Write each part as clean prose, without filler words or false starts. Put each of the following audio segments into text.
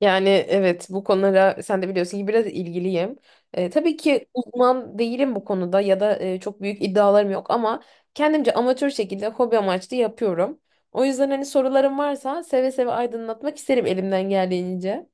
Yani evet bu konulara sen de biliyorsun ki biraz ilgiliyim. Tabii ki uzman değilim bu konuda ya da çok büyük iddialarım yok ama kendimce amatör şekilde hobi amaçlı yapıyorum. O yüzden hani sorularım varsa seve seve aydınlatmak isterim elimden geldiğince.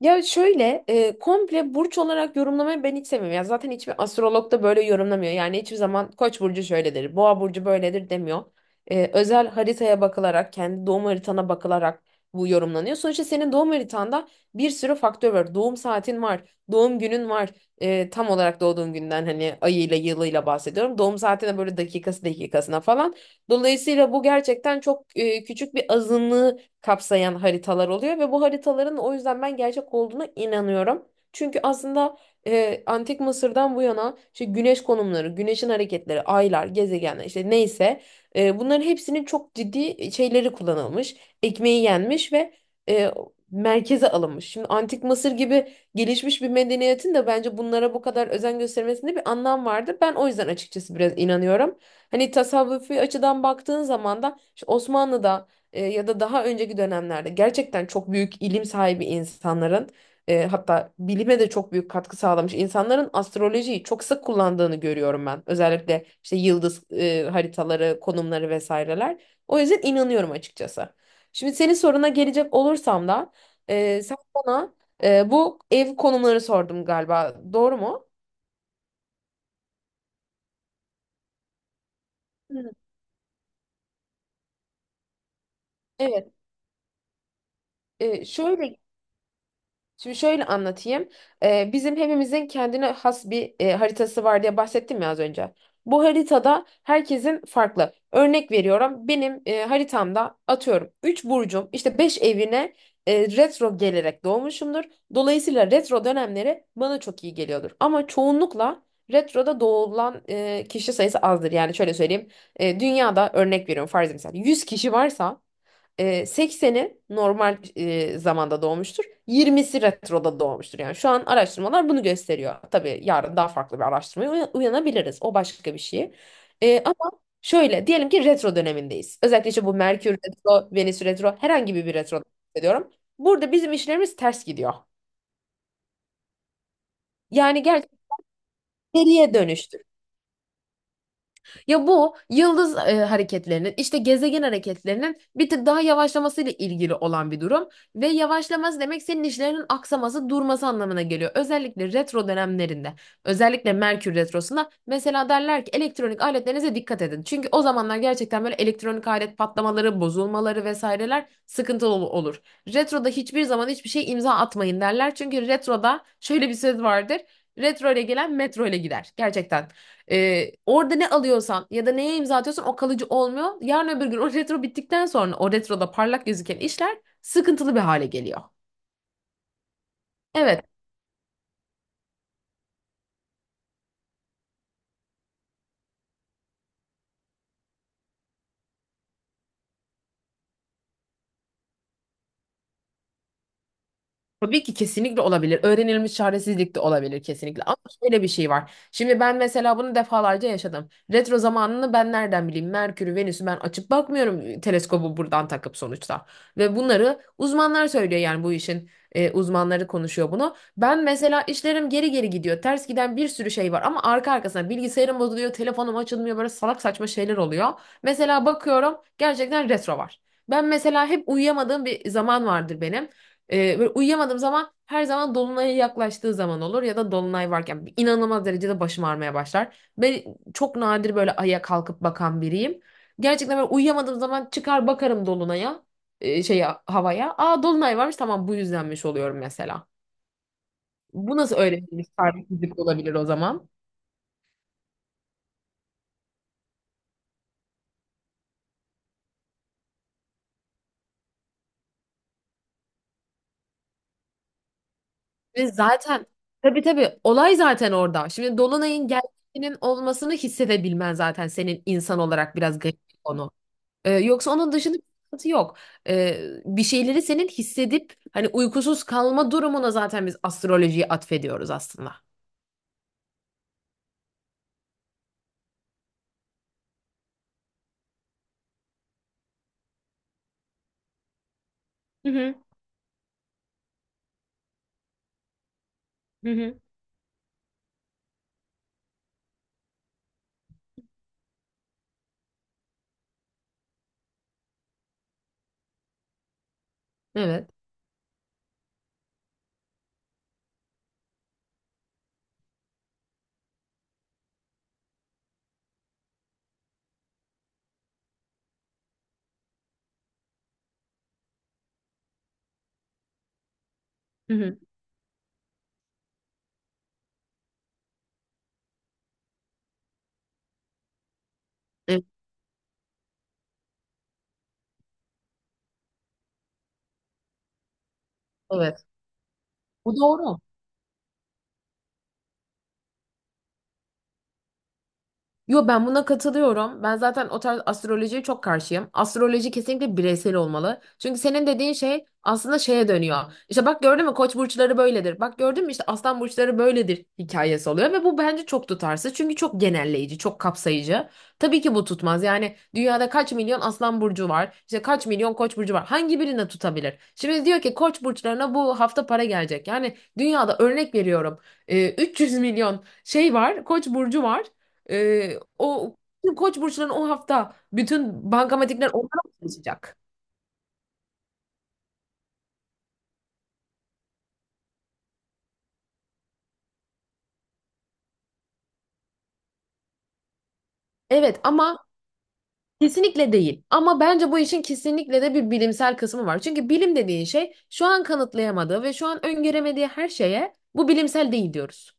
Ya şöyle komple burç olarak yorumlamayı ben hiç sevmiyorum. Ya zaten hiçbir astrolog da böyle yorumlamıyor. Yani hiçbir zaman Koç burcu şöyledir, Boğa burcu böyledir demiyor. Özel haritaya bakılarak, kendi doğum haritana bakılarak bu yorumlanıyor. Sonuçta senin doğum haritanda bir sürü faktör var. Doğum saatin var, doğum günün var. Tam olarak doğduğun günden hani ayıyla yılıyla bahsediyorum. Doğum saatine böyle dakikası dakikasına falan. Dolayısıyla bu gerçekten çok küçük bir azınlığı kapsayan haritalar oluyor ve bu haritaların o yüzden ben gerçek olduğuna inanıyorum. Çünkü aslında Antik Mısır'dan bu yana işte güneş konumları, güneşin hareketleri, aylar, gezegenler işte neyse bunların hepsinin çok ciddi şeyleri kullanılmış, ekmeği yenmiş ve e, merkeze alınmış. Şimdi Antik Mısır gibi gelişmiş bir medeniyetin de bence bunlara bu kadar özen göstermesinde bir anlam vardı. Ben o yüzden açıkçası biraz inanıyorum. Hani tasavvufi açıdan baktığın zaman da işte Osmanlı'da ya da daha önceki dönemlerde gerçekten çok büyük ilim sahibi insanların hatta bilime de çok büyük katkı sağlamış insanların astrolojiyi çok sık kullandığını görüyorum ben. Özellikle işte yıldız haritaları, konumları vesaireler. O yüzden inanıyorum açıkçası. Şimdi senin soruna gelecek olursam da sen bana bu ev konumları sordum galiba. Doğru mu? Hı. Evet. E, şöyle Şimdi şöyle anlatayım. Bizim hepimizin kendine has bir haritası var diye bahsettim ya az önce. Bu haritada herkesin farklı. Örnek veriyorum. Benim haritamda atıyorum 3 burcum işte 5 evine retro gelerek doğmuşumdur. Dolayısıyla retro dönemleri bana çok iyi geliyordur. Ama çoğunlukla retroda doğulan kişi sayısı azdır. Yani şöyle söyleyeyim. Dünyada örnek veriyorum farz mesela 100 kişi varsa 80'i normal zamanda doğmuştur. 20'si retroda doğmuştur. Yani şu an araştırmalar bunu gösteriyor. Tabii yarın daha farklı bir araştırmaya uyanabiliriz. O başka bir şey. Ama şöyle diyelim ki retro dönemindeyiz. Özellikle işte bu Merkür retro, Venüs retro herhangi bir retro diyorum. Burada bizim işlerimiz ters gidiyor. Yani gerçekten geriye dönüş. Ya bu yıldız hareketlerinin işte gezegen hareketlerinin bir tık daha yavaşlamasıyla ilgili olan bir durum ve yavaşlaması demek senin işlerinin aksaması, durması anlamına geliyor. Özellikle retro dönemlerinde, özellikle Merkür retrosunda mesela derler ki elektronik aletlerinize dikkat edin. Çünkü o zamanlar gerçekten böyle elektronik alet patlamaları, bozulmaları vesaireler sıkıntılı olur. Retroda hiçbir zaman hiçbir şey imza atmayın derler. Çünkü retroda şöyle bir söz vardır. Retro ile gelen metro ile gider. Gerçekten. Orada ne alıyorsan ya da neye imza atıyorsan o kalıcı olmuyor. Yarın öbür gün o retro bittikten sonra o retroda parlak gözüken işler sıkıntılı bir hale geliyor. Evet. Tabii ki kesinlikle olabilir. Öğrenilmiş çaresizlik de olabilir kesinlikle. Ama şöyle bir şey var. Şimdi ben mesela bunu defalarca yaşadım. Retro zamanını ben nereden bileyim? Merkür'ü, Venüs'ü ben açıp bakmıyorum teleskobu buradan takıp sonuçta. Ve bunları uzmanlar söylüyor yani bu işin uzmanları konuşuyor bunu. Ben mesela işlerim geri geri gidiyor. Ters giden bir sürü şey var ama arka arkasına bilgisayarım bozuluyor, telefonum açılmıyor böyle salak saçma şeyler oluyor. Mesela bakıyorum gerçekten retro var. Ben mesela hep uyuyamadığım bir zaman vardır benim. Böyle uyuyamadığım zaman her zaman dolunaya yaklaştığı zaman olur ya da dolunay varken inanılmaz derecede başım ağrımaya başlar. Ben çok nadir böyle aya kalkıp bakan biriyim. Gerçekten böyle uyuyamadığım zaman çıkar bakarım dolunaya, şeye havaya. Aa dolunay varmış tamam bu yüzdenmiş oluyorum mesela. Bu nasıl öğretilmiş terbiyesizlik olabilir o zaman? Ve zaten tabii tabii olay zaten orada. Şimdi dolunayın geldiğinin olmasını hissedebilmen zaten senin insan olarak biraz garip bir konu. Yoksa onun dışında bir sıkıntı yok. Bir şeyleri senin hissedip hani uykusuz kalma durumuna zaten biz astrolojiyi atfediyoruz aslında. Hı hı, hı hı. Evet. Hı hı. Evet. Evet. Bu doğru. Yo ben buna katılıyorum. Ben zaten o tarz astrolojiye çok karşıyım. Astroloji kesinlikle bireysel olmalı. Çünkü senin dediğin şey aslında şeye dönüyor. İşte bak gördün mü koç burçları böyledir. Bak gördün mü işte aslan burçları böyledir hikayesi oluyor ve bu bence çok tutarsız. Çünkü çok genelleyici, çok kapsayıcı. Tabii ki bu tutmaz. Yani dünyada kaç milyon aslan burcu var? İşte kaç milyon koç burcu var? Hangi birine tutabilir? Şimdi diyor ki koç burçlarına bu hafta para gelecek. Yani dünyada örnek veriyorum. 300 milyon şey var, koç burcu var. O koç burçların o hafta bütün bankamatikler onlara mı çalışacak? Evet ama kesinlikle değil. Ama bence bu işin kesinlikle de bir bilimsel kısmı var. Çünkü bilim dediğin şey şu an kanıtlayamadığı ve şu an öngöremediği her şeye bu bilimsel değil diyoruz.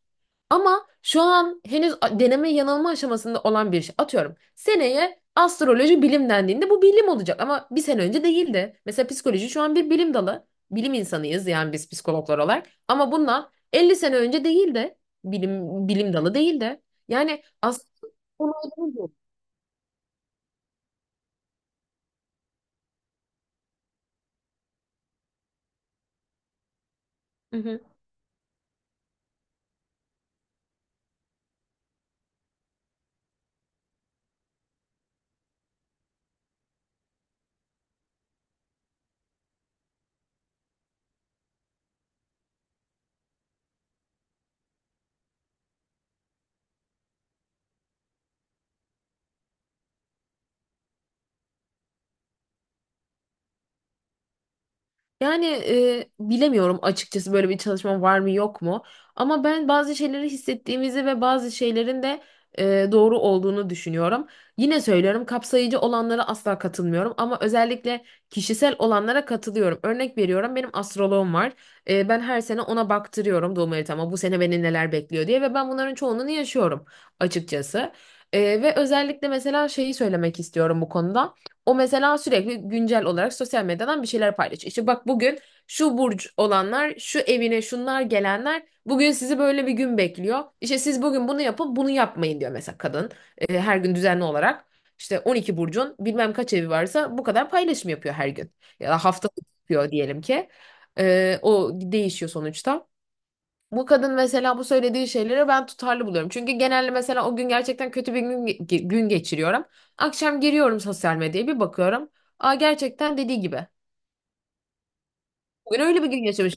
Ama şu an henüz deneme yanılma aşamasında olan bir şey. Atıyorum seneye astroloji bilim dendiğinde bu bilim olacak ama bir sene önce değildi. Mesela psikoloji şu an bir bilim dalı. Bilim insanıyız yani biz psikologlar olarak. Ama bundan 50 sene önce değildi. Bilim, bilim dalı değildi. Yani aslında bunu. Yani bilemiyorum açıkçası böyle bir çalışma var mı yok mu. Ama ben bazı şeyleri hissettiğimizi ve bazı şeylerin de doğru olduğunu düşünüyorum. Yine söylüyorum kapsayıcı olanlara asla katılmıyorum ama özellikle kişisel olanlara katılıyorum. Örnek veriyorum benim astroloğum var. Ben her sene ona baktırıyorum doğum haritama bu sene beni neler bekliyor diye ve ben bunların çoğunluğunu yaşıyorum açıkçası. Ve özellikle mesela şeyi söylemek istiyorum bu konuda. O mesela sürekli güncel olarak sosyal medyadan bir şeyler paylaşıyor. İşte bak bugün şu burç olanlar, şu evine şunlar gelenler bugün sizi böyle bir gün bekliyor. İşte siz bugün bunu yapın, bunu yapmayın diyor mesela kadın. Her gün düzenli olarak işte 12 burcun bilmem kaç evi varsa bu kadar paylaşım yapıyor her gün. Ya da haftalık yapıyor diyelim ki. O değişiyor sonuçta. Bu kadın mesela bu söylediği şeyleri ben tutarlı buluyorum. Çünkü genelde mesela o gün gerçekten kötü bir gün, gün geçiriyorum. Akşam giriyorum sosyal medyaya bir bakıyorum. Aa gerçekten dediği gibi. Bugün öyle bir gün yaşamış.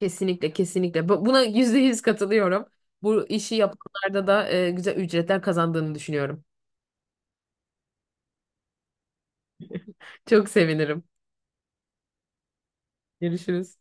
Kesinlikle kesinlikle. Buna %100 katılıyorum. Bu işi yapanlarda da güzel ücretler kazandığını düşünüyorum. Çok sevinirim. Görüşürüz.